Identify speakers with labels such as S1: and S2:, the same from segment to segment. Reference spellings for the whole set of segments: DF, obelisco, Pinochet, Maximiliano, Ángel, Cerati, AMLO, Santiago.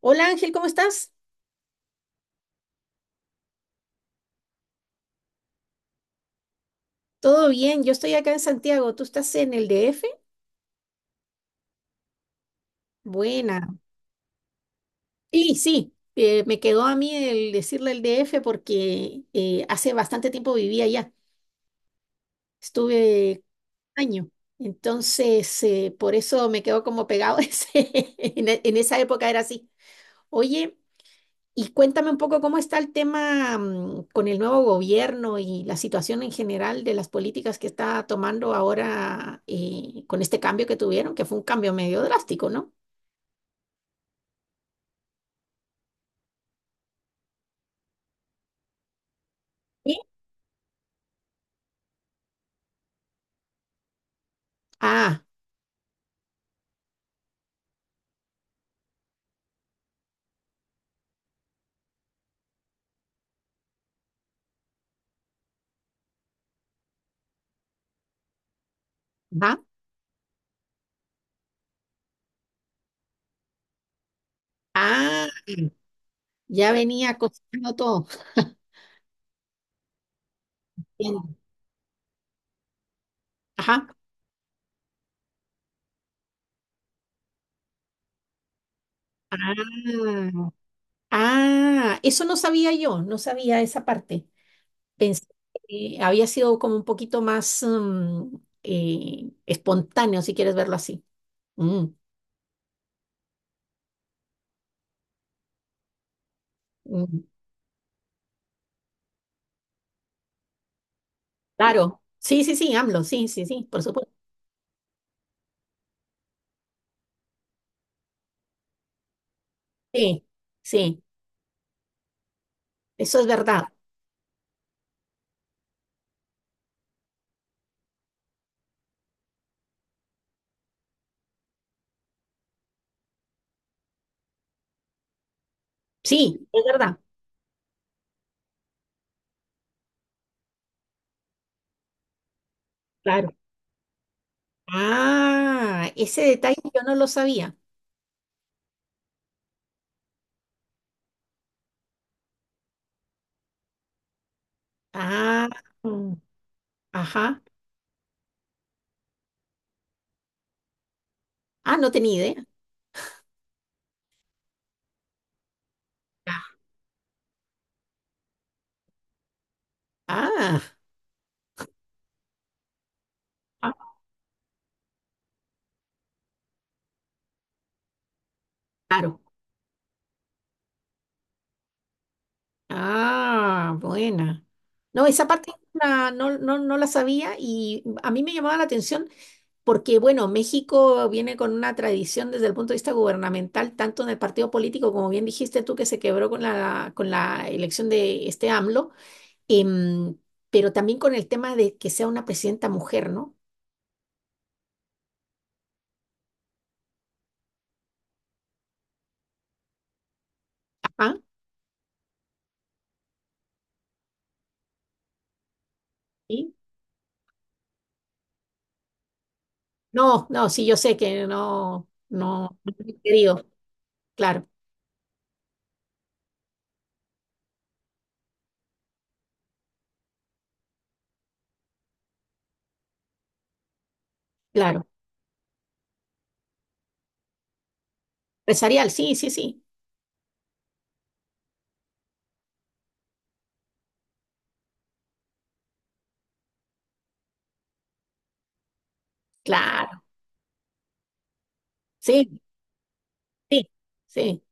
S1: Hola Ángel, ¿cómo estás? Todo bien, yo estoy acá en Santiago, ¿tú estás en el DF? Buena. Sí, sí, me quedó a mí el decirle el DF porque hace bastante tiempo vivía allá, estuve un año, entonces por eso me quedó como pegado ese, en esa época era así. Oye, y cuéntame un poco cómo está el tema con el nuevo gobierno y la situación en general de las políticas que está tomando ahora con este cambio que tuvieron, que fue un cambio medio drástico, ¿no? Sí. Ah, ajá. Ah, ya venía cocinando todo. Bien. Ajá. Ah, ah, eso no sabía yo, no sabía esa parte. Pensé que había sido como un poquito más espontáneo, si quieres verlo así. Mm, mm. Claro, sí, sí, sí, AMLO, sí, sí, sí, por supuesto. Sí, sí, eso es verdad. Sí, es verdad, claro. Ah, ese detalle yo no lo sabía. Ah, mm, ajá. Ah, no tenía idea. Ah, ah, claro. Ah, buena. No, esa parte no, no, no la sabía y a mí me llamaba la atención, porque, bueno, México viene con una tradición desde el punto de vista gubernamental, tanto en el partido político, como bien dijiste tú, que se quebró con con la elección de este AMLO, em, pero también con el tema de que sea una presidenta mujer, ¿no? Ajá. ¿Sí? No, no, sí, yo sé que no, no, no he querido, claro, claro. Empresarial, sí, sí, sí, claro, sí, sí, sí,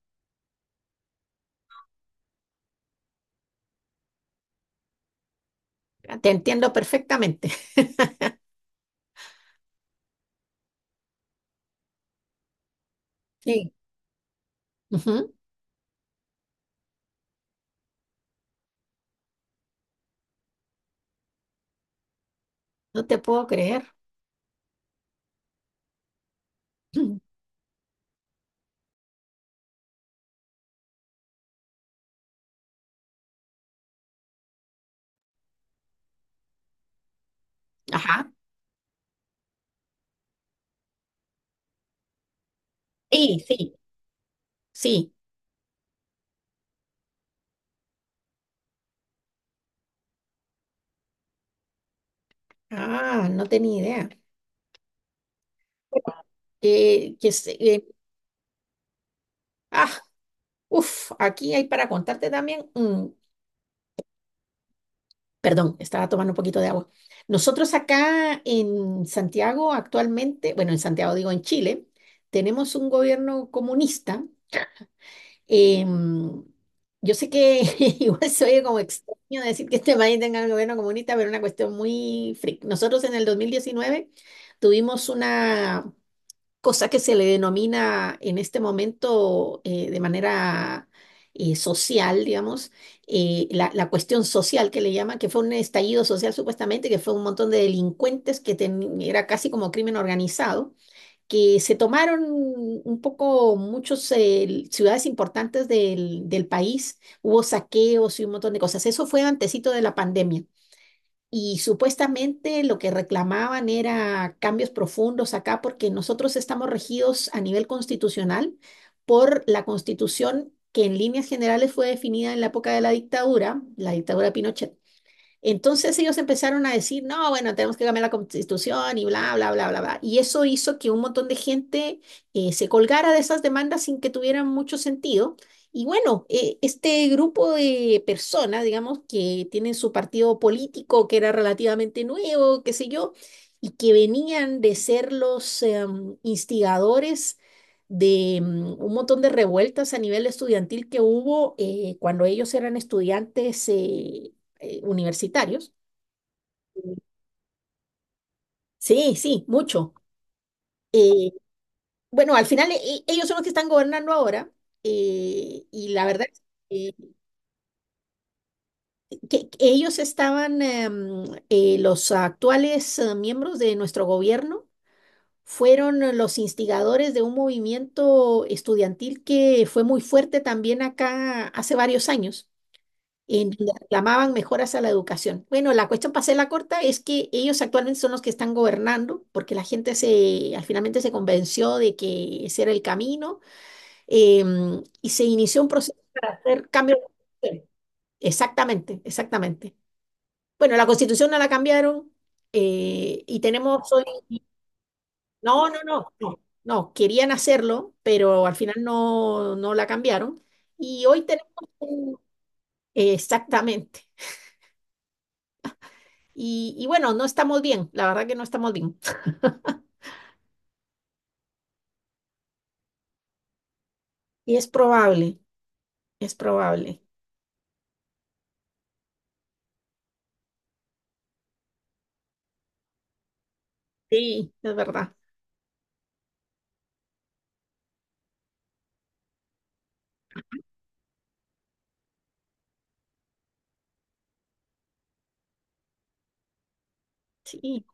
S1: te entiendo perfectamente. Sí. Ujú. No te puedo creer. Ajá. Sí, sí. Sí. Ah, no tenía idea. Que, que se- eh, ah, uf, aquí hay para contarte también. Perdón, estaba tomando un poquito de agua. Nosotros acá en Santiago actualmente, bueno, en Santiago digo en Chile, tenemos un gobierno comunista. em, yo sé que igual se oye como extraño decir que este país tenga un gobierno comunista, pero es una cuestión muy freak. Nosotros en el 2019 tuvimos una cosa que se le denomina en este momento de manera social, digamos, la cuestión social que le llaman, que fue un estallido social supuestamente, que fue un montón de delincuentes que era casi como crimen organizado, que se tomaron un poco muchas ciudades importantes del país, hubo saqueos y un montón de cosas. Eso fue antecito de la pandemia. Y supuestamente lo que reclamaban era cambios profundos acá, porque nosotros estamos regidos a nivel constitucional por la constitución que en líneas generales fue definida en la época de la dictadura de Pinochet. Entonces ellos empezaron a decir, no, bueno, tenemos que cambiar la constitución y bla, bla, bla, bla, bla. Y eso hizo que un montón de gente se colgara de esas demandas sin que tuvieran mucho sentido. Y bueno, este grupo de personas, digamos, que tienen su partido político, que era relativamente nuevo, qué sé yo, y que venían de ser los instigadores de un montón de revueltas a nivel estudiantil que hubo cuando ellos eran estudiantes universitarios. Sí, sí, mucho. Eh, bueno, al final ellos son los que están gobernando ahora, y la verdad es que, que ellos estaban, los actuales miembros de nuestro gobierno fueron los instigadores de un movimiento estudiantil que fue muy fuerte también acá hace varios años. Le reclamaban mejoras a la educación. Bueno, la cuestión para la corta es que ellos actualmente son los que están gobernando, porque la gente se, al finalmente se convenció de que ese era el camino, y se inició un proceso para hacer cambios. Exactamente, exactamente. Bueno, la constitución no la cambiaron, y tenemos hoy. No, no, no, no, no, querían hacerlo, pero al final no, no la cambiaron. Y hoy tenemos un- Exactamente. Y bueno, no estamos bien, la verdad que no estamos bien. Y es probable, es probable. Sí, es verdad. Sí,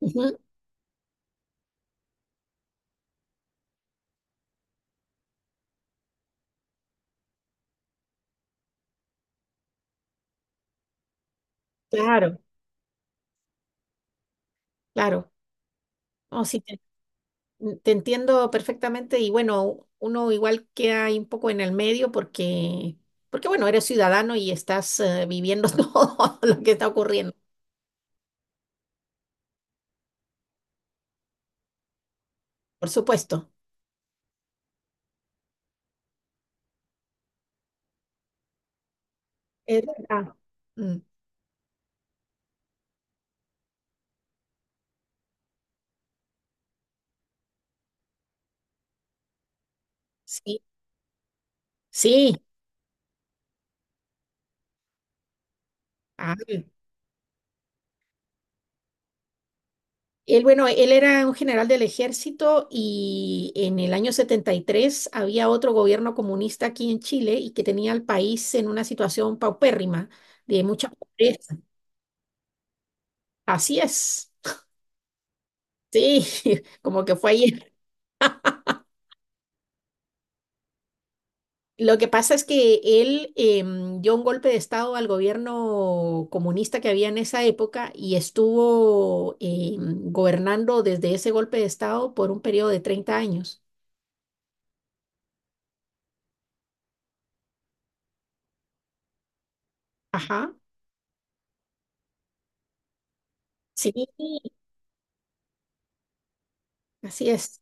S1: ujú. Claro, claro. No, sí, te entiendo perfectamente y bueno, uno igual queda ahí un poco en el medio porque, porque bueno, eres ciudadano y estás viviendo todo lo que está ocurriendo, por supuesto. Es verdad. Mm. Sí, sí. Ah, él, bueno, él era un general del ejército y en el año 73 había otro gobierno comunista aquí en Chile y que tenía al país en una situación paupérrima, de mucha pobreza. Así es, sí, como que fue ayer. Lo que pasa es que él dio un golpe de estado al gobierno comunista que había en esa época y estuvo gobernando desde ese golpe de estado por un periodo de 30 años. Ajá, sí, así es.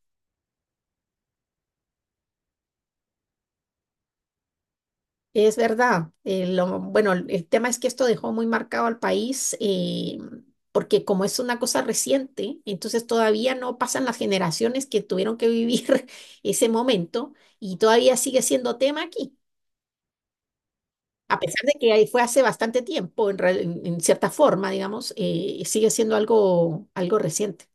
S1: Es verdad. Bueno, el tema es que esto dejó muy marcado al país, porque como es una cosa reciente, entonces todavía no pasan las generaciones que tuvieron que vivir ese momento y todavía sigue siendo tema aquí. A pesar de que ahí fue hace bastante tiempo, en cierta forma, digamos, sigue siendo algo, algo reciente.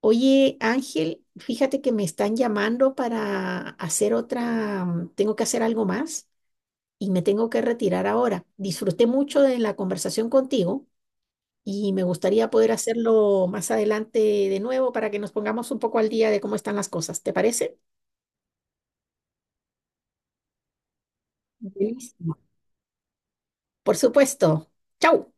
S1: Oye, Ángel, fíjate que me están llamando para hacer otra, tengo que hacer algo más. Y me tengo que retirar ahora. Disfruté mucho de la conversación contigo y me gustaría poder hacerlo más adelante de nuevo para que nos pongamos un poco al día de cómo están las cosas. ¿Te parece? Buenísimo. Por supuesto. Chau.